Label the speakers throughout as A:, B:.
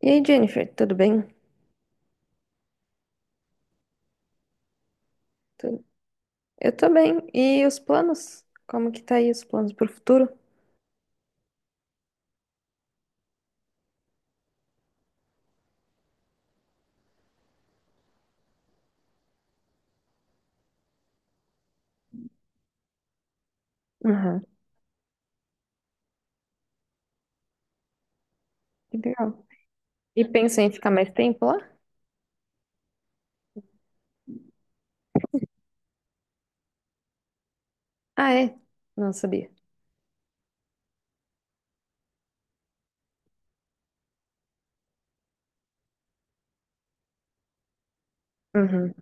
A: E aí, Jennifer, tudo bem? Tu- Eu tô bem. E os planos? Como que tá aí os planos pro futuro? Uhum. Que legal. E pensa em ficar mais tempo lá? Ah, é? Não sabia. Uhum.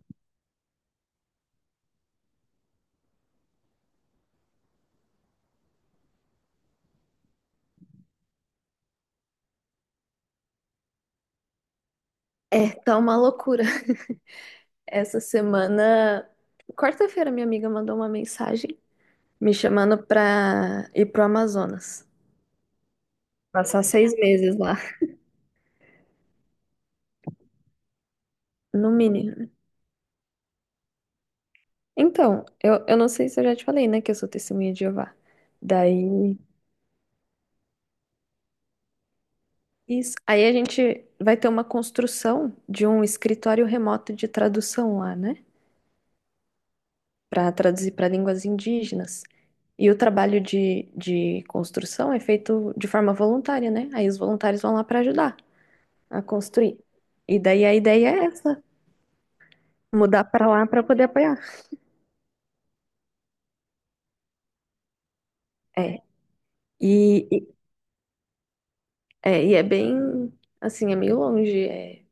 A: É, tá uma loucura. Essa semana, quarta-feira, minha amiga mandou uma mensagem me chamando pra ir pro Amazonas. Passar 6 meses lá. No mínimo. Então, eu não sei se eu já te falei, né, que eu sou testemunha de Jeová. Daí, isso. Aí a gente vai ter uma construção de um escritório remoto de tradução lá, né? Para traduzir para línguas indígenas. E o trabalho de construção é feito de forma voluntária, né? Aí os voluntários vão lá para ajudar a construir. E daí a ideia é essa, mudar para lá para poder apoiar. É. E, e- é bem, assim, é meio longe. É.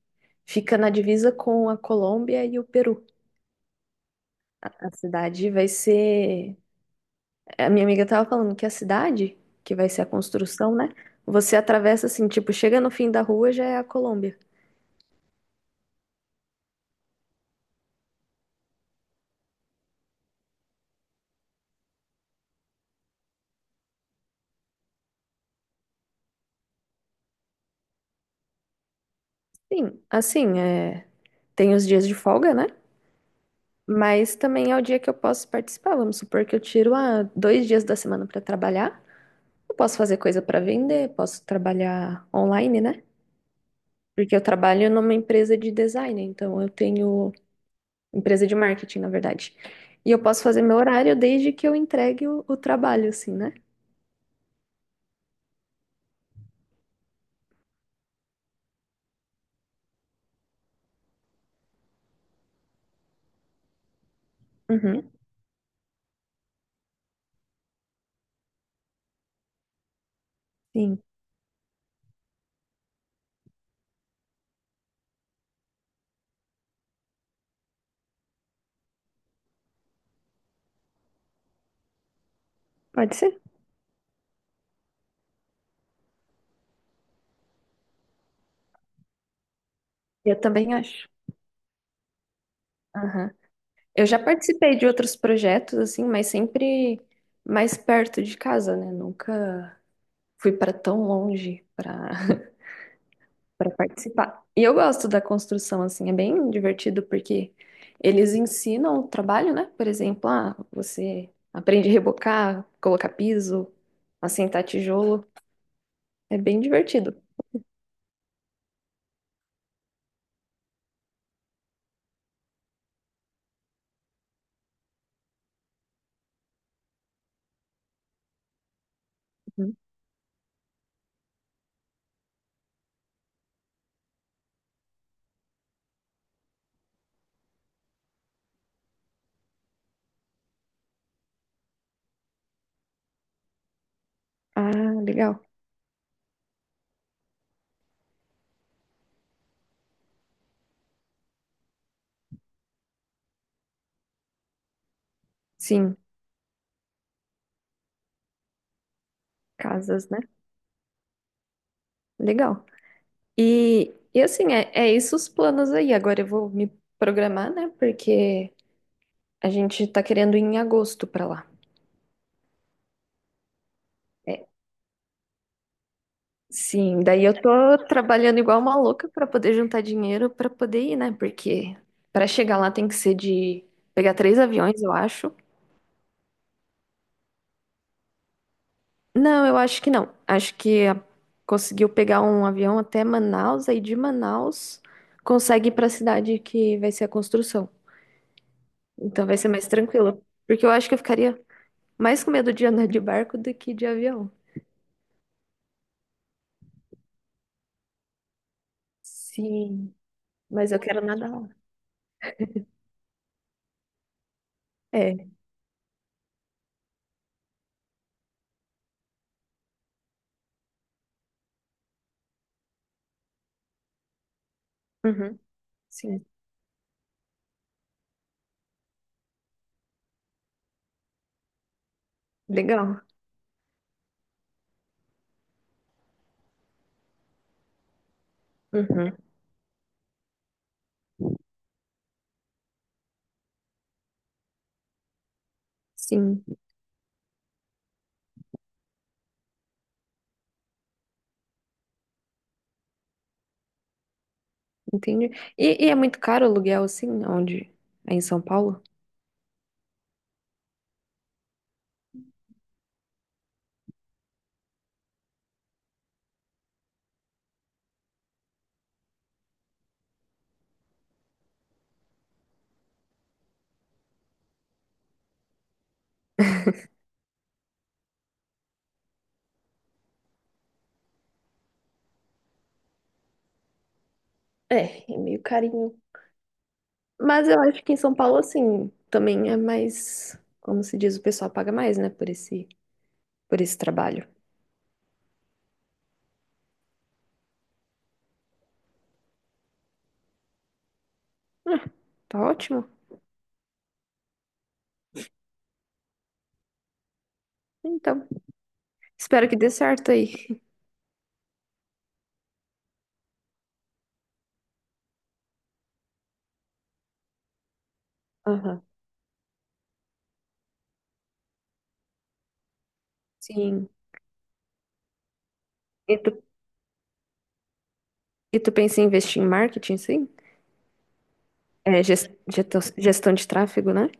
A: Fica na divisa com a Colômbia e o Peru. A cidade vai ser A minha amiga tava falando que a cidade, que vai ser a construção, né? Você atravessa assim, tipo, chega no fim da rua, já é a Colômbia. Sim, assim, tem os dias de folga, né? Mas também é o dia que eu posso participar. Vamos supor que eu tiro 2 dias da semana para trabalhar. Eu posso fazer coisa para vender, posso trabalhar online, né? Porque eu trabalho numa empresa de design, então eu tenho empresa de marketing, na verdade. E eu posso fazer meu horário desde que eu entregue o trabalho, assim, né? Uhum, sim, pode ser. Eu também acho. Aham. Eu já participei de outros projetos, assim, mas sempre mais perto de casa, né? Nunca fui para tão longe para para participar. E eu gosto da construção, assim, é bem divertido porque eles ensinam o trabalho, né? Por exemplo, você aprende a rebocar, colocar piso, assentar tijolo. É bem divertido. Uhum. Ah, legal. Sim, casas, né? Legal. E assim, é isso os planos aí. Agora eu vou me programar, né? Porque a gente tá querendo ir em agosto pra lá. É, sim, daí eu tô trabalhando igual uma louca pra poder juntar dinheiro pra poder ir, né? Porque pra chegar lá tem que ser de pegar três aviões, eu acho. Não, eu acho que não. Conseguiu pegar um avião até Manaus, aí de Manaus consegue ir pra cidade que vai ser a construção. Então vai ser mais tranquilo. Porque eu acho que eu ficaria mais com medo de andar de barco do que de avião. Sim, mas eu quero nadar lá. É. Uhum. Sim. Legal. Uhum. Sim, entendi. E é muito caro o aluguel, assim, onde? É em São Paulo? É meio carinho. Mas eu acho que em São Paulo, assim, também é mais, como se diz, o pessoal paga mais, né, por esse trabalho. Ah, tá ótimo. Então, espero que dê certo aí. Aham. Sim. E tu, e tu pensa em investir em marketing, sim? É, gestão de tráfego, né?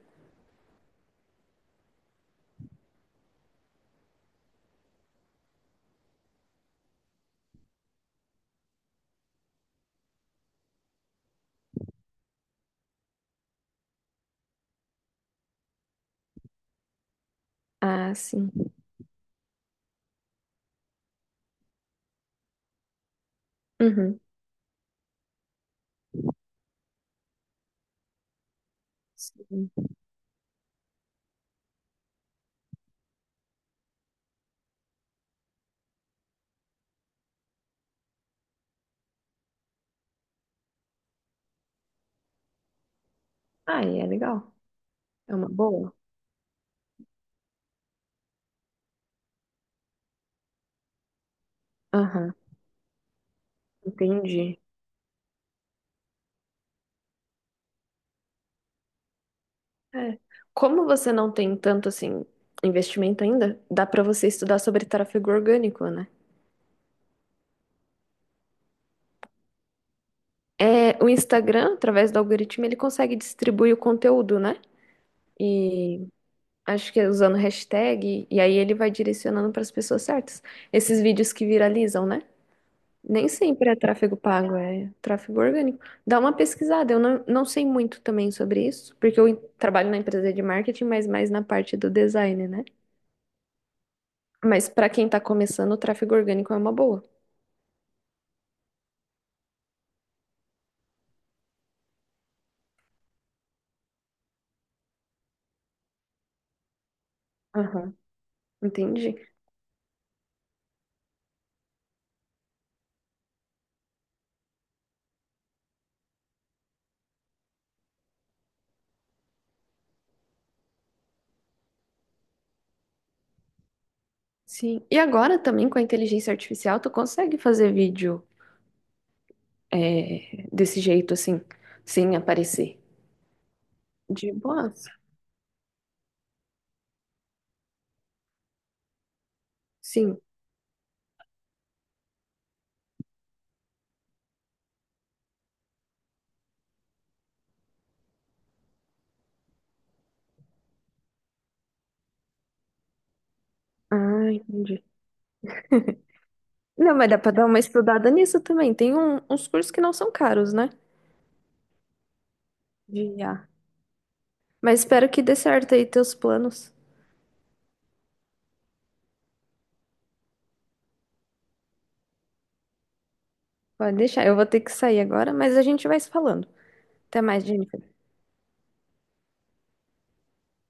A: Ah, sim. Uhum. Sim. Ah, e é legal. É uma boa. Aham, entendi. É. Como você não tem tanto assim investimento ainda, dá para você estudar sobre tráfego orgânico, né? É, o Instagram, através do algoritmo, ele consegue distribuir o conteúdo, né? E acho que é usando hashtag, e aí ele vai direcionando para as pessoas certas. Esses vídeos que viralizam, né? Nem sempre é tráfego pago, é tráfego orgânico. Dá uma pesquisada, eu não sei muito também sobre isso, porque eu trabalho na empresa de marketing, mas mais na parte do design, né? Mas para quem tá começando, o tráfego orgânico é uma boa. Aham. Entendi. Sim. E agora também com a inteligência artificial, tu consegue fazer vídeo desse jeito assim, sem aparecer. De boas. Sim. Ah, entendi. Não, mas dá pra dar uma estudada nisso também. Uns cursos que não são caros, né? De IA. Mas espero que dê certo aí teus planos. Pode deixar. Eu vou ter que sair agora, mas a gente vai se falando. Até mais, Jennifer.